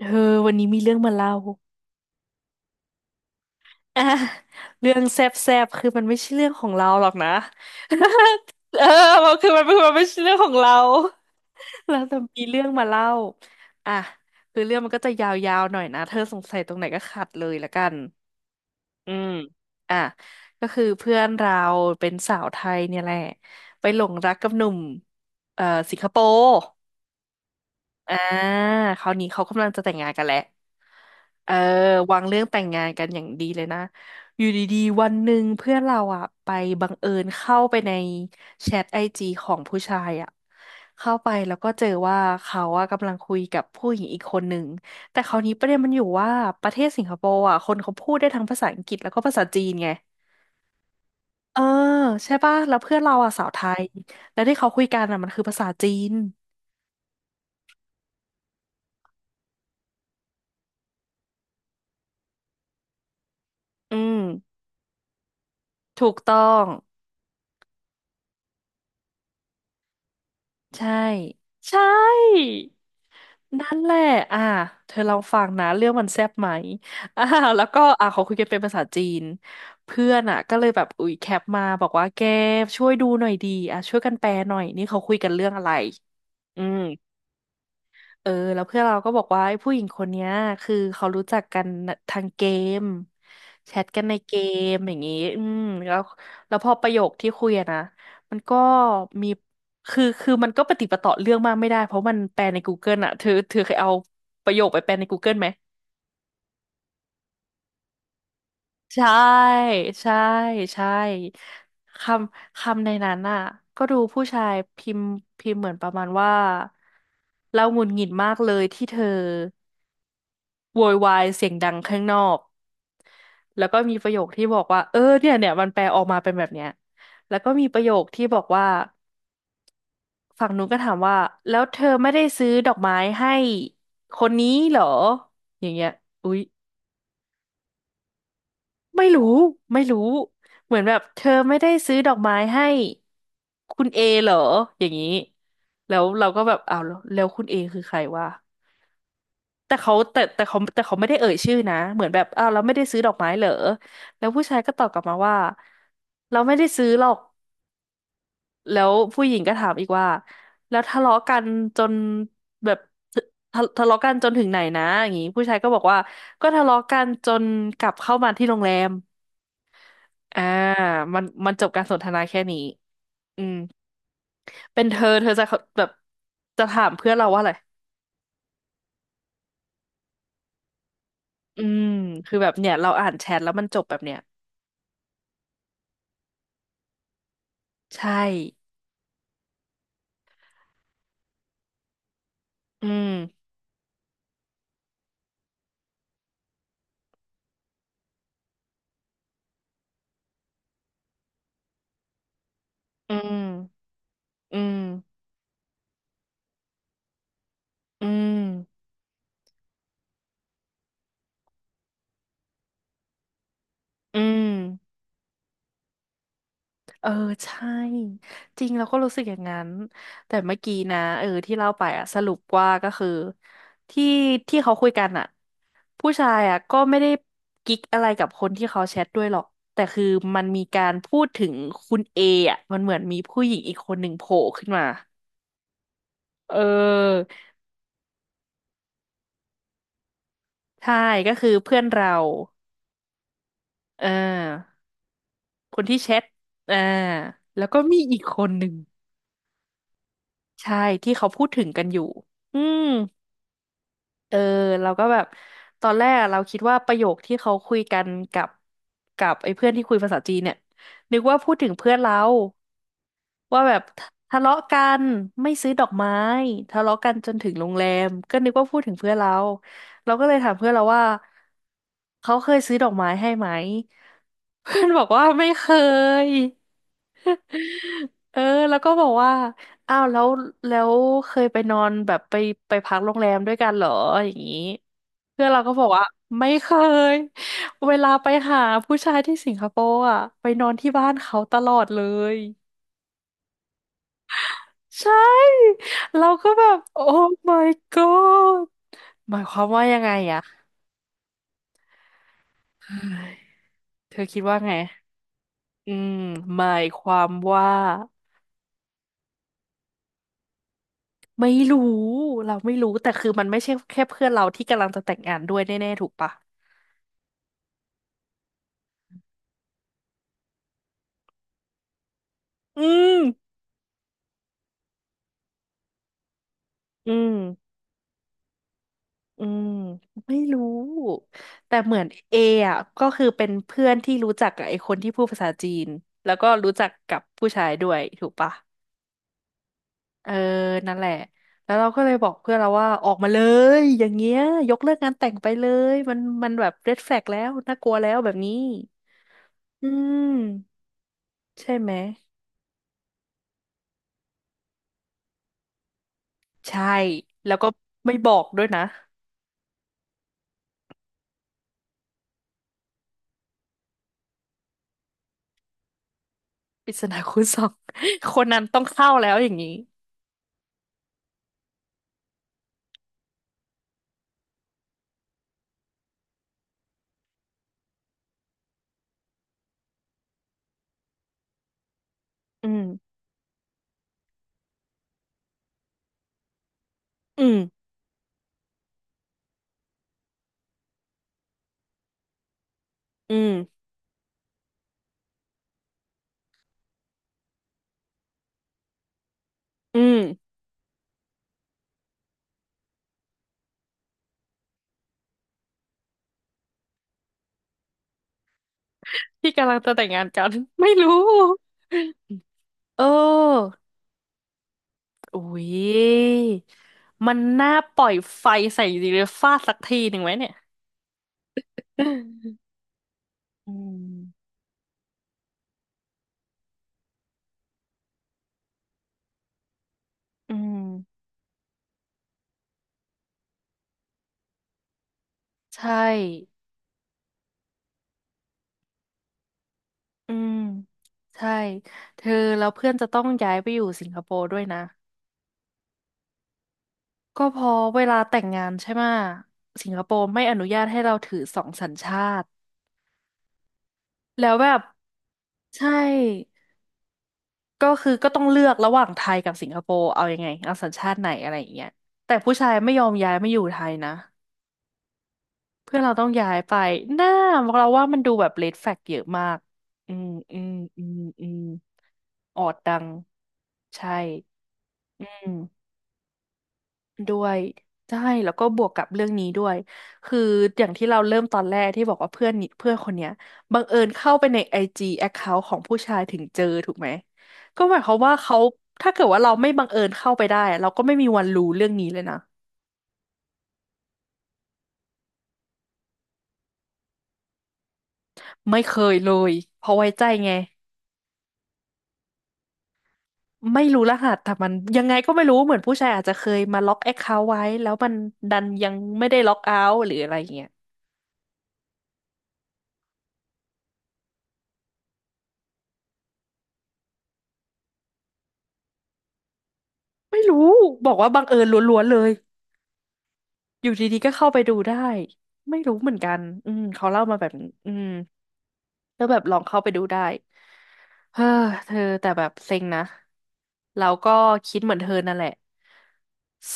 เธอวันนี้มีเรื่องมาเล่า อ่ะเรื่องแซบแซบคือมันไม่ใช่เรื่องของเราหรอกนะ เออมันคือมันไม่ใช่เรื่องของเรา เราแต่มีเรื่องมาเล่าอ่ะคือเรื่องมันก็จะยาวๆหน่อยนะเธอสงสัยตรงไหนก็ขัดเลยละกันอืมอ่ะก็คือเพื่อนเราเป็นสาวไทยเนี่ยแหละไปหลงรักกับหนุ่มสิงคโปร์อ่าคราวนี้เขากำลังจะแต่งงานกันแล้ว เออวางเรื่องแต่งงานกันอย่างดีเลยนะอยู่ดีๆวันหนึ่งเพื่อนเราอะไปบังเอิญเข้าไปในแชทไอจีของผู้ชายอะเข้าไปแล้วก็เจอว่าเขาอะกำลังคุยกับผู้หญิงอีกคนหนึ่งแต่คราวนี้ประเด็นมันอยู่ว่าประเทศสิงคโปร์อะคนเขาพูดได้ทั้งภาษาอังกฤษแล้วก็ภาษาจีนไงเออใช่ป่ะแล้วเพื่อนเราอะสาวไทยแล้วที่เขาคุยกันอะมันคือภาษาจีนอืมถูกต้องใช่ใช่ นั่นแหละ อ่าเธอลองฟังนะ เรื่องมันแซ่บไหม อ่าแล้วก็ อ่าเขาคุยกันเป็นภาษาจีน เพื่อนอ่ะ ก็เลยแบบ อุ๊ย แคปมาบอกว่า แกช่วยดูหน่อยดี อ่ะ ช่วยกันแปลหน่อย นี่เขาคุยกันเรื่องอะไร อืม เออแล้วเพื่อนเราก็บอกว่าไอ้ผู้หญิงคนเนี้ยคือเขารู้จักกันทางเกมแชทกันในเกมอย่างงี้อืมแล้วแล้วพอประโยคที่คุยอะนะมันก็มีคือมันก็ปะติดปะต่อเรื่องมากไม่ได้เพราะมันแปลใน Google อะเธอเคยเอาประโยคไปแปลใน Google ไหมใช่ใช่ใช่คคำในนั้นน่ะก็ดูผู้ชายพิมพ์เหมือนประมาณว่าเราหงุดหงิดมากเลยที่เธอ โวยวายเสียงดังข้างนอกแล้วก็มีประโยคที่บอกว่าเออเนี่ยมันแปลออกมาเป็นแบบเนี้ยแล้วก็มีประโยคที่บอกว่าฝั่งนู้นก็ถามว่าแล้วเธอไม่ได้ซื้อดอกไม้ให้คนนี้เหรออย่างเงี้ยอุ๊ยไม่รู้ไม่รู้เหมือนแบบเธอไม่ได้ซื้อดอกไม้ให้คุณเอเหรออย่างนี้แล้วเราก็แบบอ้าวแล้วคุณเอคือใครวะ แต่เขาแต่เขาไม่ได้เอ่ยชื่อนะเหมือนแบบอ้าวเราไม่ได้ซื้อดอกไม้เหรอแล้วผู้ชายก็ตอบกลับมาว่าเราไม่ได้ซื้อหรอกแล้วผู้หญิงก็ถามอีกว่าแล้วทะเลาะกันจนแบบทะเลาะกันจนถึงไหนนะอย่างงี้ผู้ชายก็บอกว่าก็ทะเลาะกันจนกลับเข้ามาที่โรงแรมอ่ามันจบการสนทนาแค่นี้อืมเป็นเธอจะแบบจะถามเพื่อนเราว่าอะไรอืมคือแบบเนี่ยเราอ่านแชทแล้วมันจบแบบเนี้ยใช่อืม อืมอืมอืมอืมเออ ใช่ จริงเราก็รู้สึกอย่างนั้น แต่เมื่อกี้นะเออที่เล่าไปอะสรุปว่าก็คือที่ที่เขาคุยกันอะผู้ชายอะก็ไม่ได้กิ๊กอะไรกับคนที่เขาแชทด้วยหรอกแต่คือมันมีการพูดถึงคุณเออะมันเหมือนมีผู้หญิงอีกคนหนึ่งโผล่ขึ้นมาเออใช่ก็คือเพื่อนเราเออคนที่แชทอ่าแล้วก็มีอีกคนหนึ่ง ใช่ที่เขาพูดถึงกันอยู่อืมเออเราก็แบบตอนแรกอะเราคิดว่าประโยคที่เขาคุยกันกับไอ้เพื่อนที่คุยภาษาจีนเนี่ยนึกว่าพูดถึงเพื่อนเราว่าแบบทะเลาะกันไม่ซื้อดอกไม้ทะเลาะกันจนถึงโรงแรมก็นึกว่าพูดถึงเพื่อนเราเราก็เลยถามเพื่อนเราว่าเขาเคยซื้อดอกไม้ให้ไหม เพื่อนบอกว่าไม่เคย เออแล้วก็บอกว่าอ้าวแล้วเคยไปนอนแบบไปพักโรงแรมด้วยกันเหรออย่างนี้เพื่อนเราก็บอกว่าไม่เคย เวลาไปหาผู้ชายที่สิงคโปร์อ่ะไปนอนที่บ้านเขาตลอดเลยใช่เราก็แบบโอ้ my god หมายความว่ายังไงอ่ะเฮ้ยเธอคิดว่าไงอืมหมายความว่า ไม่รู้เราไม่รู้แต่คือมันไม่ใช่แค่เพื่อนเราที่กำลังจะแต่งงานด้วยแน่ๆถูกปะอืมอืมอืมไม่รู้แต่เหมือนเออ่ะก็คือเป็นเพื่อนที่รู้จักกับไอ้คนที่พูดภาษาจีนแล้วก็รู้จักกับผู้ชายด้วยถูกปะเออนั่นแหละแล้วเราก็เลยบอกเพื่อนเราว่าออกมาเลยอย่างเงี้ยยกเลิกงานแต่งไปเลยมันแบบเรดแฟลกแล้วน่ากลัวแล้วแบบนี้อืมใช่ไหมใช่แล้วก็ไม่บอกด้วยนะ ปริศนาคูณสอง คนนั้นต้องเข้าแล้วอย่างนี้อืมอืมอืมอืมที่กำลังจะแต่งงานกัน ไม่รู้เอออุ๊ยมันน่าปล่อยไฟใส่ดีเลยฟาดสักทีหนึ่งไหมเนี่ย อืมอืมใช่อืมใช่ เธอแล้วเพื่อนจะต้องย้ายไปอยู่สิงคโปร์ด้วยนะ ก็เพอเวลาแต่งงานใช่ไหมะสิงคโปร์ไม่อนุญาตให้เราถือสองสัญชาติ แล้วแบบ ใช่ ก็คือก็ต้องเลือกระหว่างไทยกับสิงคโปร์เอายังไงเอาสัญชาติไหนอะไรอย่างเงี้ยแต่ผู้ชายไม่ยอมย้ายไม่อยู่ไทยนะ เพื่อนเราต้องย้ายไป น่าเราว่ามันดูแบบเ e ดแฟกเยอะมากอืม อืม อืม อืมออดดัง ใช่อืม ด้วยใช่แล้วก็บวกกับเรื่องนี้ด้วยคืออย่างที่เราเริ่มตอนแรกที่บอกว่าเพื่อนคนเนี้ยบังเอิญเข้าไปในไอจีแอคเคาท์ของผู้ชายถึงเจอถูกไหมก็หมายความว่าเขาถ้าเกิดว่าเราไม่บังเอิญเข้าไปได้เราก็ไม่มีวันรู้เรื่องนี้เลยนะไม่เคยเลยเพราะไว้ใจไงไม่รู้รหัสแต่มันยังไงก็ไม่รู้เหมือนผู้ชายอาจจะเคยมาล็อกแอคเคาท์ไว้แล้วมันดันยังไม่ได้ล็อกเอาท์หรืออะไรอย่างเงี้ยไม่รู้บอกว่าบังเอิญล้วนๆเลย อยู่ดีๆก็เข้าไปดูได้ไม่รู้เหมือนกันอืมเขาเล่ามาแบบนี้อืมก็แบบลองเข้าไปดูได้เฮ้อเธอแต่แบบเซ็งนะเราก็คิดเหมือนเธอนั่นแหละ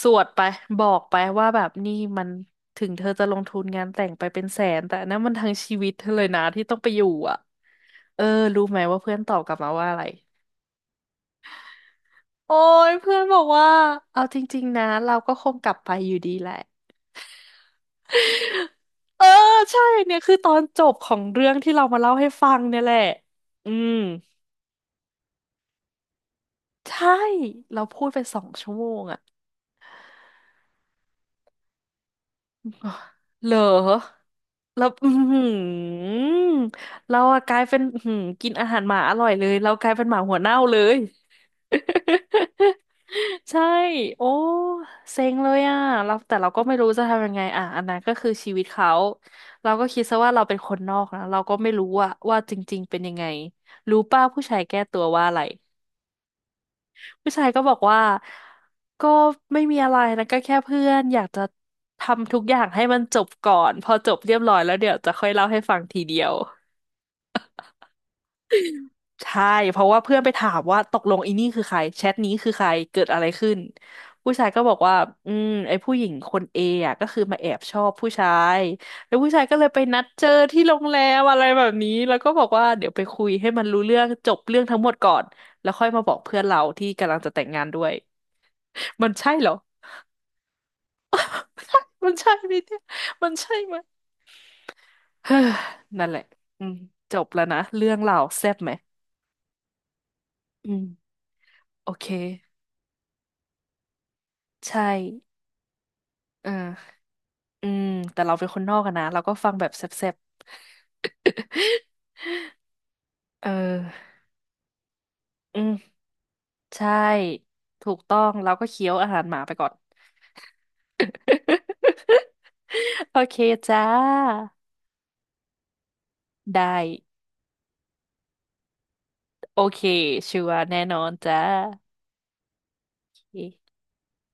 สวดไปบอกไปว่าแบบนี่มันถึงเธอจะลงทุนงานแต่งไปเป็นแสนแต่อันนั้นมันทั้งชีวิตเธอเลยนะที่ต้องไปอยู่อ่ะเออรู้ไหมว่าเพื่อนตอบกลับมาว่าอะไรโอ้ยเพื่อนบอกว่าเอาจริงๆนะเราก็คงกลับไปอยู่ดีแหละ เออใช่เนี่ยคือตอนจบของเรื่องที่เรามาเล่าให้ฟังเนี่ยแหละอืมใช่เราพูดไป2 ชั่วโมงอะ เหรอแล้วอือหือเราอะกลายเป็นอื้อหือกินอาหารหมาอร่อยเลยเรากลายเป็นหมาหัวเน่าเลย ใช่โอ้เซ็งเลยอ่ะเราแต่เราก็ไม่รู้จะทำยังไงอ่ะอันนั้นก็คือชีวิตเขาเราก็คิดซะว่าเราเป็นคนนอกนะเราก็ไม่รู้ว่าจริงๆเป็นยังไงรู้ป้าผู้ชายแก้ตัวว่าอะไร ผู้ชายก็บอกว่าก็ไม่มีอะไรนะก็แค่เพื่อนอยากจะทำทุกอย่างให้มันจบก่อนพอจบเรียบร้อยแล้วเดี๋ยวจะค่อยเล่าให้ฟังทีเดียวใช่เพราะว่าเพื่อนไปถามว่าตกลงอีนี่คือใครแชทนี้คือใครเกิดอะไรขึ้นผู้ชายก็บอกว่าอืมไอ้ผู้หญิงคนเออะก็คือมาแอบชอบผู้ชายแล้วผู้ชายก็เลยไปนัดเจอที่โรงแรมอะไรแบบนี้แล้วก็บอกว่าเดี๋ยวไปคุยให้มันรู้เรื่องจบเรื่องทั้งหมดก่อนแล้วค่อยมาบอกเพื่อนเราที่กำลังจะแต่งงานด้วยมันใช่เหรอ มันใช่ไหมเนี่ยมันใช่ไหมเฮ้ย นั่นแหละอืมจบแล้วนะ เรื่องเราแซ่บไหมอืมโอเค ใช่เอออืมแต่เราเป็นคนนอกอะนะ เราก็ฟังแบบแซ่บๆ เอออืมใช่ ถูกต้อง เราก็เคี้ยวอาหารหมาไปก่อน โอเคจ้า ได้ โอเคชัวร์แน่นอนจ้าโอเค